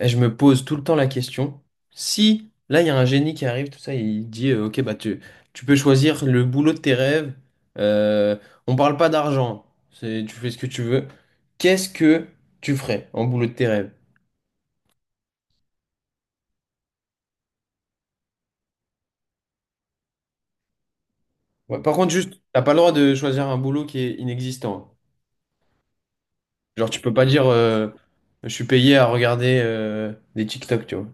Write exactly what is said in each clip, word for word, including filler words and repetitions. Et je me pose tout le temps la question, si là il y a un génie qui arrive, tout ça, il dit euh, ok bah tu, tu peux choisir le boulot de tes rêves, euh, on parle pas d'argent, c'est, tu fais ce que tu veux, qu'est-ce que tu ferais en boulot de tes rêves? Ouais, par contre juste, t'as pas le droit de choisir un boulot qui est inexistant. Genre tu peux pas dire euh, je suis payé à regarder euh, des TikTok, tu vois.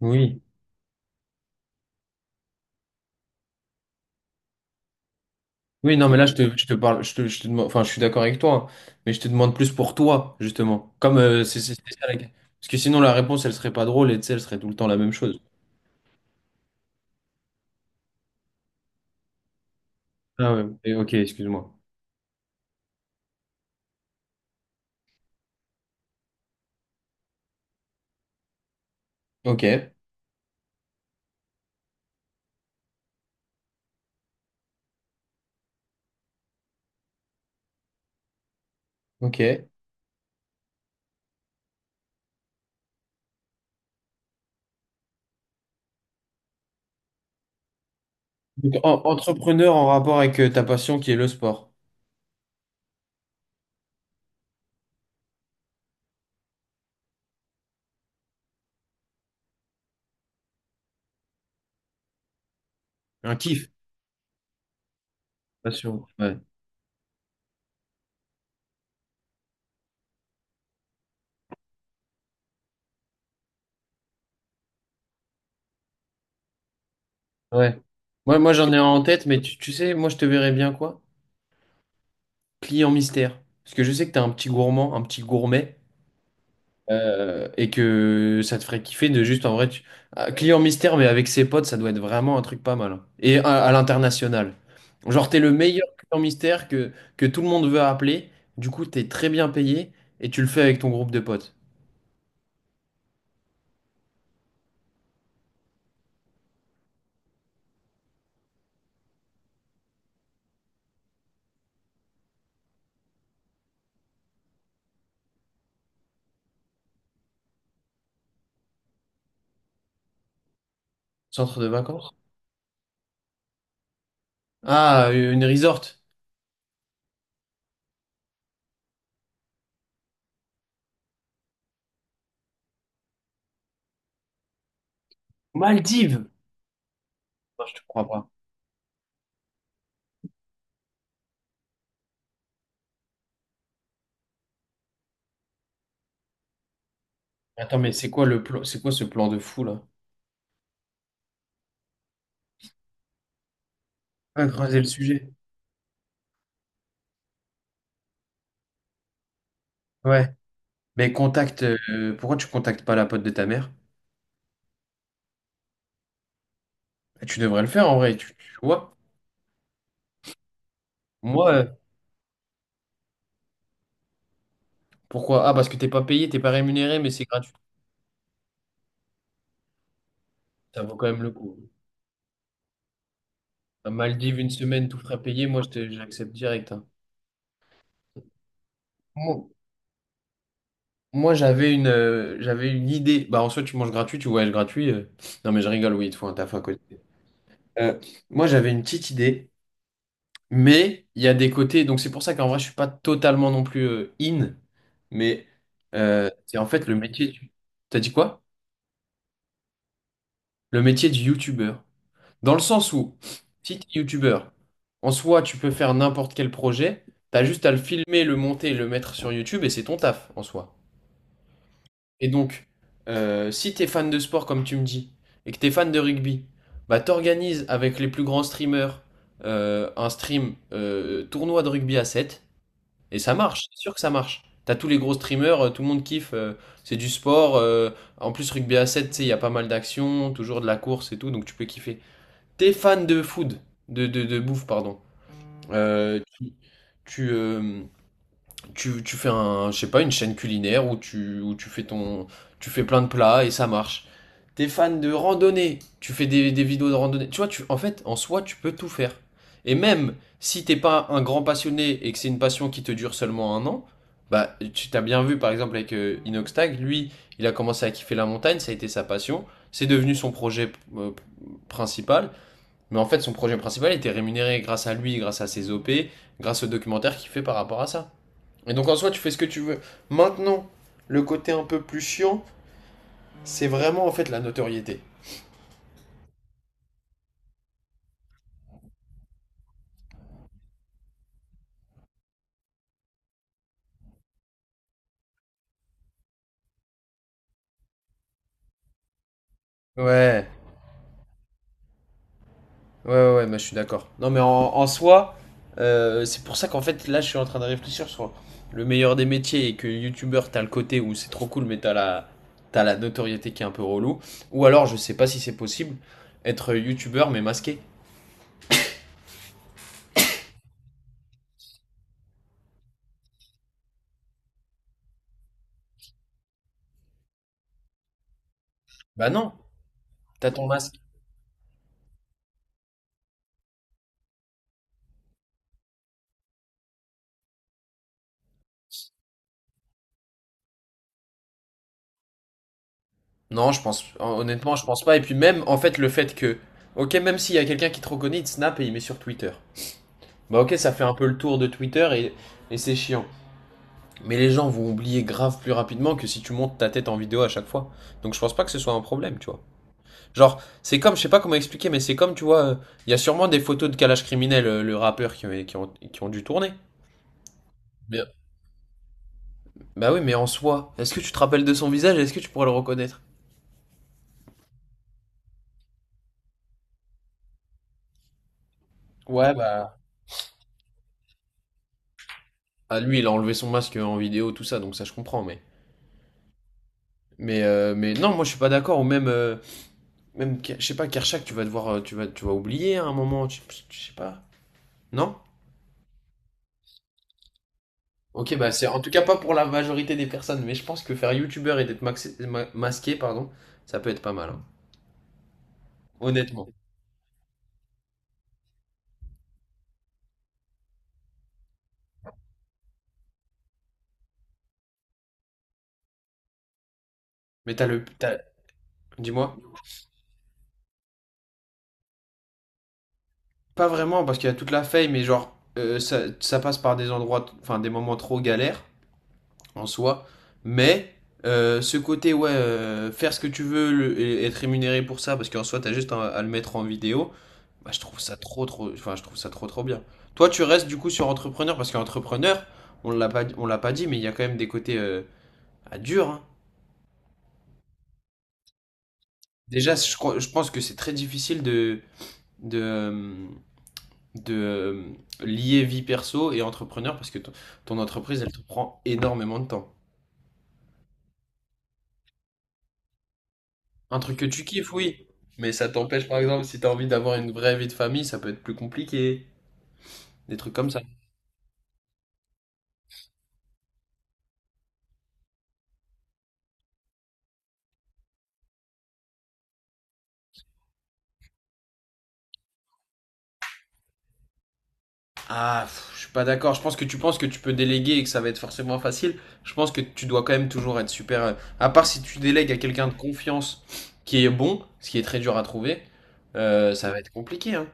Oui. Oui, non, mais là, je te, je te parle, je te, je te demande, enfin, je suis d'accord avec toi, hein, mais je te demande plus pour toi, justement. Comme euh, c'est c'est- c'est ça la- Parce que sinon, la réponse, elle serait pas drôle et tu sais, elle serait tout le temps la même chose. Ah ouais, et- ok, excuse-moi. Ok, ok. Donc, en- entrepreneur en rapport avec euh, ta passion qui est le sport. Un kiff. Passion. Ouais. Ouais. Moi, moi j'en ai un en tête, mais tu, tu sais, moi, je te verrais bien quoi? Client mystère. Parce que je sais que tu es un petit gourmand, un petit gourmet. Euh, et que ça te ferait kiffer de juste en vrai tu... Ah, client mystère mais avec ses potes ça doit être vraiment un truc pas mal, hein. Et à, à l'international, genre t'es le meilleur client mystère que, que tout le monde veut appeler, du coup t'es très bien payé et tu le fais avec ton groupe de potes. Centre de vacances. Ah, une resort. Maldives. Non, je te crois pas. Attends, mais c'est quoi le plan, c'est quoi ce plan de fou là? Ah, creuser le sujet. Ouais, mais contacte euh, pourquoi tu contactes pas la pote de ta mère? Bah, tu devrais le faire en vrai, tu, tu vois. Moi. Pourquoi? Ah, parce que t'es pas payé, t'es pas rémunéré, mais c'est gratuit. Ça vaut quand même le coup. À Maldives, une semaine, tout frais payé, moi, je te- j'accepte direct, hein. Moi, moi, j'avais une, euh, j'avais une idée. Bah, en soi, tu manges gratuit, tu voyages gratuit. euh. Non, mais je rigole, oui, il te faut un taf à côté. Euh, Moi, j'avais une petite idée, mais il y a des côtés. Donc, c'est pour ça qu'en vrai, je suis pas totalement non plus euh, in. Mais euh, c'est en fait le métier. du- T'as dit quoi? Le métier du youtubeur. Dans le sens où, si tu es youtubeur, en soi, tu peux faire n'importe quel projet, t'as juste à le filmer, le monter, le mettre sur YouTube et c'est ton taf en soi. Et donc, euh, si t'es fan de sport comme tu me dis, et que t'es fan de rugby, bah t'organises avec les plus grands streamers euh, un stream euh, tournoi de rugby à sept et ça marche, c'est sûr que ça marche. T'as tous les gros streamers, euh, tout le monde kiffe, euh, c'est du sport, euh, en plus rugby à sept, tu sais, il y a pas mal d'actions, toujours de la course et tout, donc tu peux kiffer. T'es fan de food, de, de, de bouffe, pardon. Euh, tu, tu, euh, tu- Tu fais un, je sais pas, une chaîne culinaire où tu, où tu fais ton, tu fais plein de plats et ça marche. T'es fan de randonnée, tu fais des, des vidéos de randonnée. Tu vois, tu, en fait, en soi, tu peux tout faire. Et même si t'es pas un grand passionné et que c'est une passion qui te dure seulement un an, bah, tu t'as bien vu, par exemple, avec euh, Inoxtag, lui, il a commencé à kiffer la montagne, ça a été sa passion, c'est devenu son projet euh, principal. Mais en fait, son projet principal était rémunéré grâce à lui, grâce à ses O P, grâce au documentaire qu'il fait par rapport à ça. Et donc en soi, tu fais ce que tu veux. Maintenant, le côté un peu plus chiant, c'est vraiment en fait la notoriété. Ouais, ouais, ouais, ouais, mais je suis d'accord. Non, mais en, en soi, euh, c'est pour ça qu'en fait, là, je suis en train de réfléchir sur le meilleur des métiers et que youtubeur, t'as le côté où c'est trop cool, mais t'as la, t'as la notoriété qui est un peu relou. Ou alors, je sais pas si c'est possible, être youtubeur mais masqué. Bah non, t'as ton masque. Non, je pense, honnêtement, je pense pas. Et puis même, en fait, le fait que, ok, même s'il y a quelqu'un qui te reconnaît, il te snap et il met sur Twitter. Bah ok, ça fait un peu le tour de Twitter et, et c'est chiant. Mais les gens vont oublier grave plus rapidement que si tu montes ta tête en vidéo à chaque fois. Donc je pense pas que ce soit un problème, tu vois. Genre, c'est comme, je sais pas comment expliquer, mais c'est comme, tu vois, euh, il y a sûrement des photos de Kalash Criminel, euh, le rappeur, qui, ont- qui ont, qui ont dû tourner. Bien. Bah oui, mais en soi, est-ce que tu te rappelles de son visage? Et est-ce que tu pourrais le reconnaître? Ouais, bah... Ah, lui, il a enlevé son masque en vidéo, tout ça, donc ça je comprends, mais... Mais, euh, mais non, moi je suis pas d'accord. Ou même, euh, même je sais pas, Kershak, tu vas devoir, euh, tu vas, tu vas oublier à un moment. Tu, je sais pas. Non? Ok, bah c'est en tout cas pas pour la majorité des personnes. Mais je pense que faire youtubeur et d'être maxé- ma- masqué, pardon, ça peut être pas mal, hein. Honnêtement. Mais t'as le, t'as- dis-moi. Pas vraiment parce qu'il y a toute la fame. Mais genre, euh, ça, ça passe par des endroits, enfin des moments trop galères en soi. Mais euh, ce côté, ouais, euh, faire ce que tu veux le- et être rémunéré pour ça, parce qu'en soi, t'as juste à, à le mettre en vidéo. Bah, je trouve ça trop, trop, enfin, je trouve ça trop, trop bien. Toi, tu restes du coup sur entrepreneur parce qu'entrepreneur, on l'a pas, on l'a pas dit, mais il y a quand même des côtés euh, à dur, hein. Déjà, je, crois- je pense que c'est très difficile de, de, euh, de euh, lier vie perso et entrepreneur parce que ton, ton entreprise, elle te prend énormément de temps. Un truc que tu kiffes, oui, mais ça t'empêche, par exemple, si tu as envie d'avoir une vraie vie de famille, ça peut être plus compliqué. Des trucs comme ça. Ah, pff, je suis pas d'accord. Je pense que tu penses que tu peux déléguer et que ça va être forcément facile. Je pense que tu dois quand même toujours être super. euh, À part si tu délègues à quelqu'un de confiance qui est bon, ce qui est très dur à trouver, euh, ça va être compliqué, hein.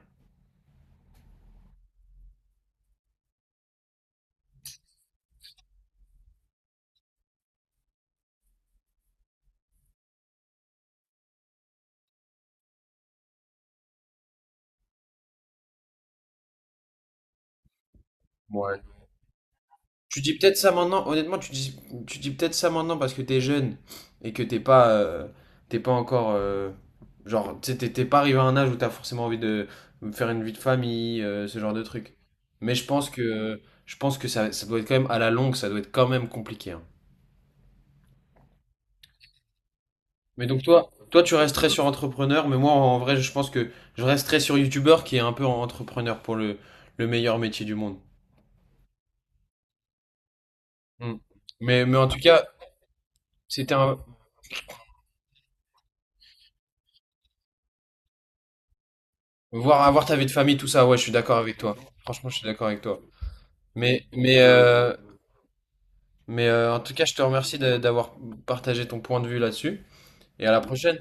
Tu dis peut-être ça maintenant, honnêtement, tu dis, tu dis peut-être ça maintenant parce que t'es jeune et que t'es pas, euh, t'es pas encore, euh, genre, tu t'es t'es pas arrivé à un âge où t'as forcément envie de faire une vie de famille, euh, ce genre de truc. Mais je pense que, je pense que ça, ça doit être quand même à la longue, ça doit être quand même compliqué, hein. Mais donc toi, toi tu resterais sur entrepreneur, mais moi en vrai, je pense que je resterais sur youtubeur qui est un peu entrepreneur pour le, le meilleur métier du monde. Hmm. Mais, mais en tout cas, c'était un, voir avoir ta vie de famille, tout ça, ouais, je suis d'accord avec toi. Franchement, je suis d'accord avec toi. Mais, mais, euh, mais euh, en tout cas, je te remercie de- d'avoir partagé ton point de vue là-dessus. Et à la prochaine.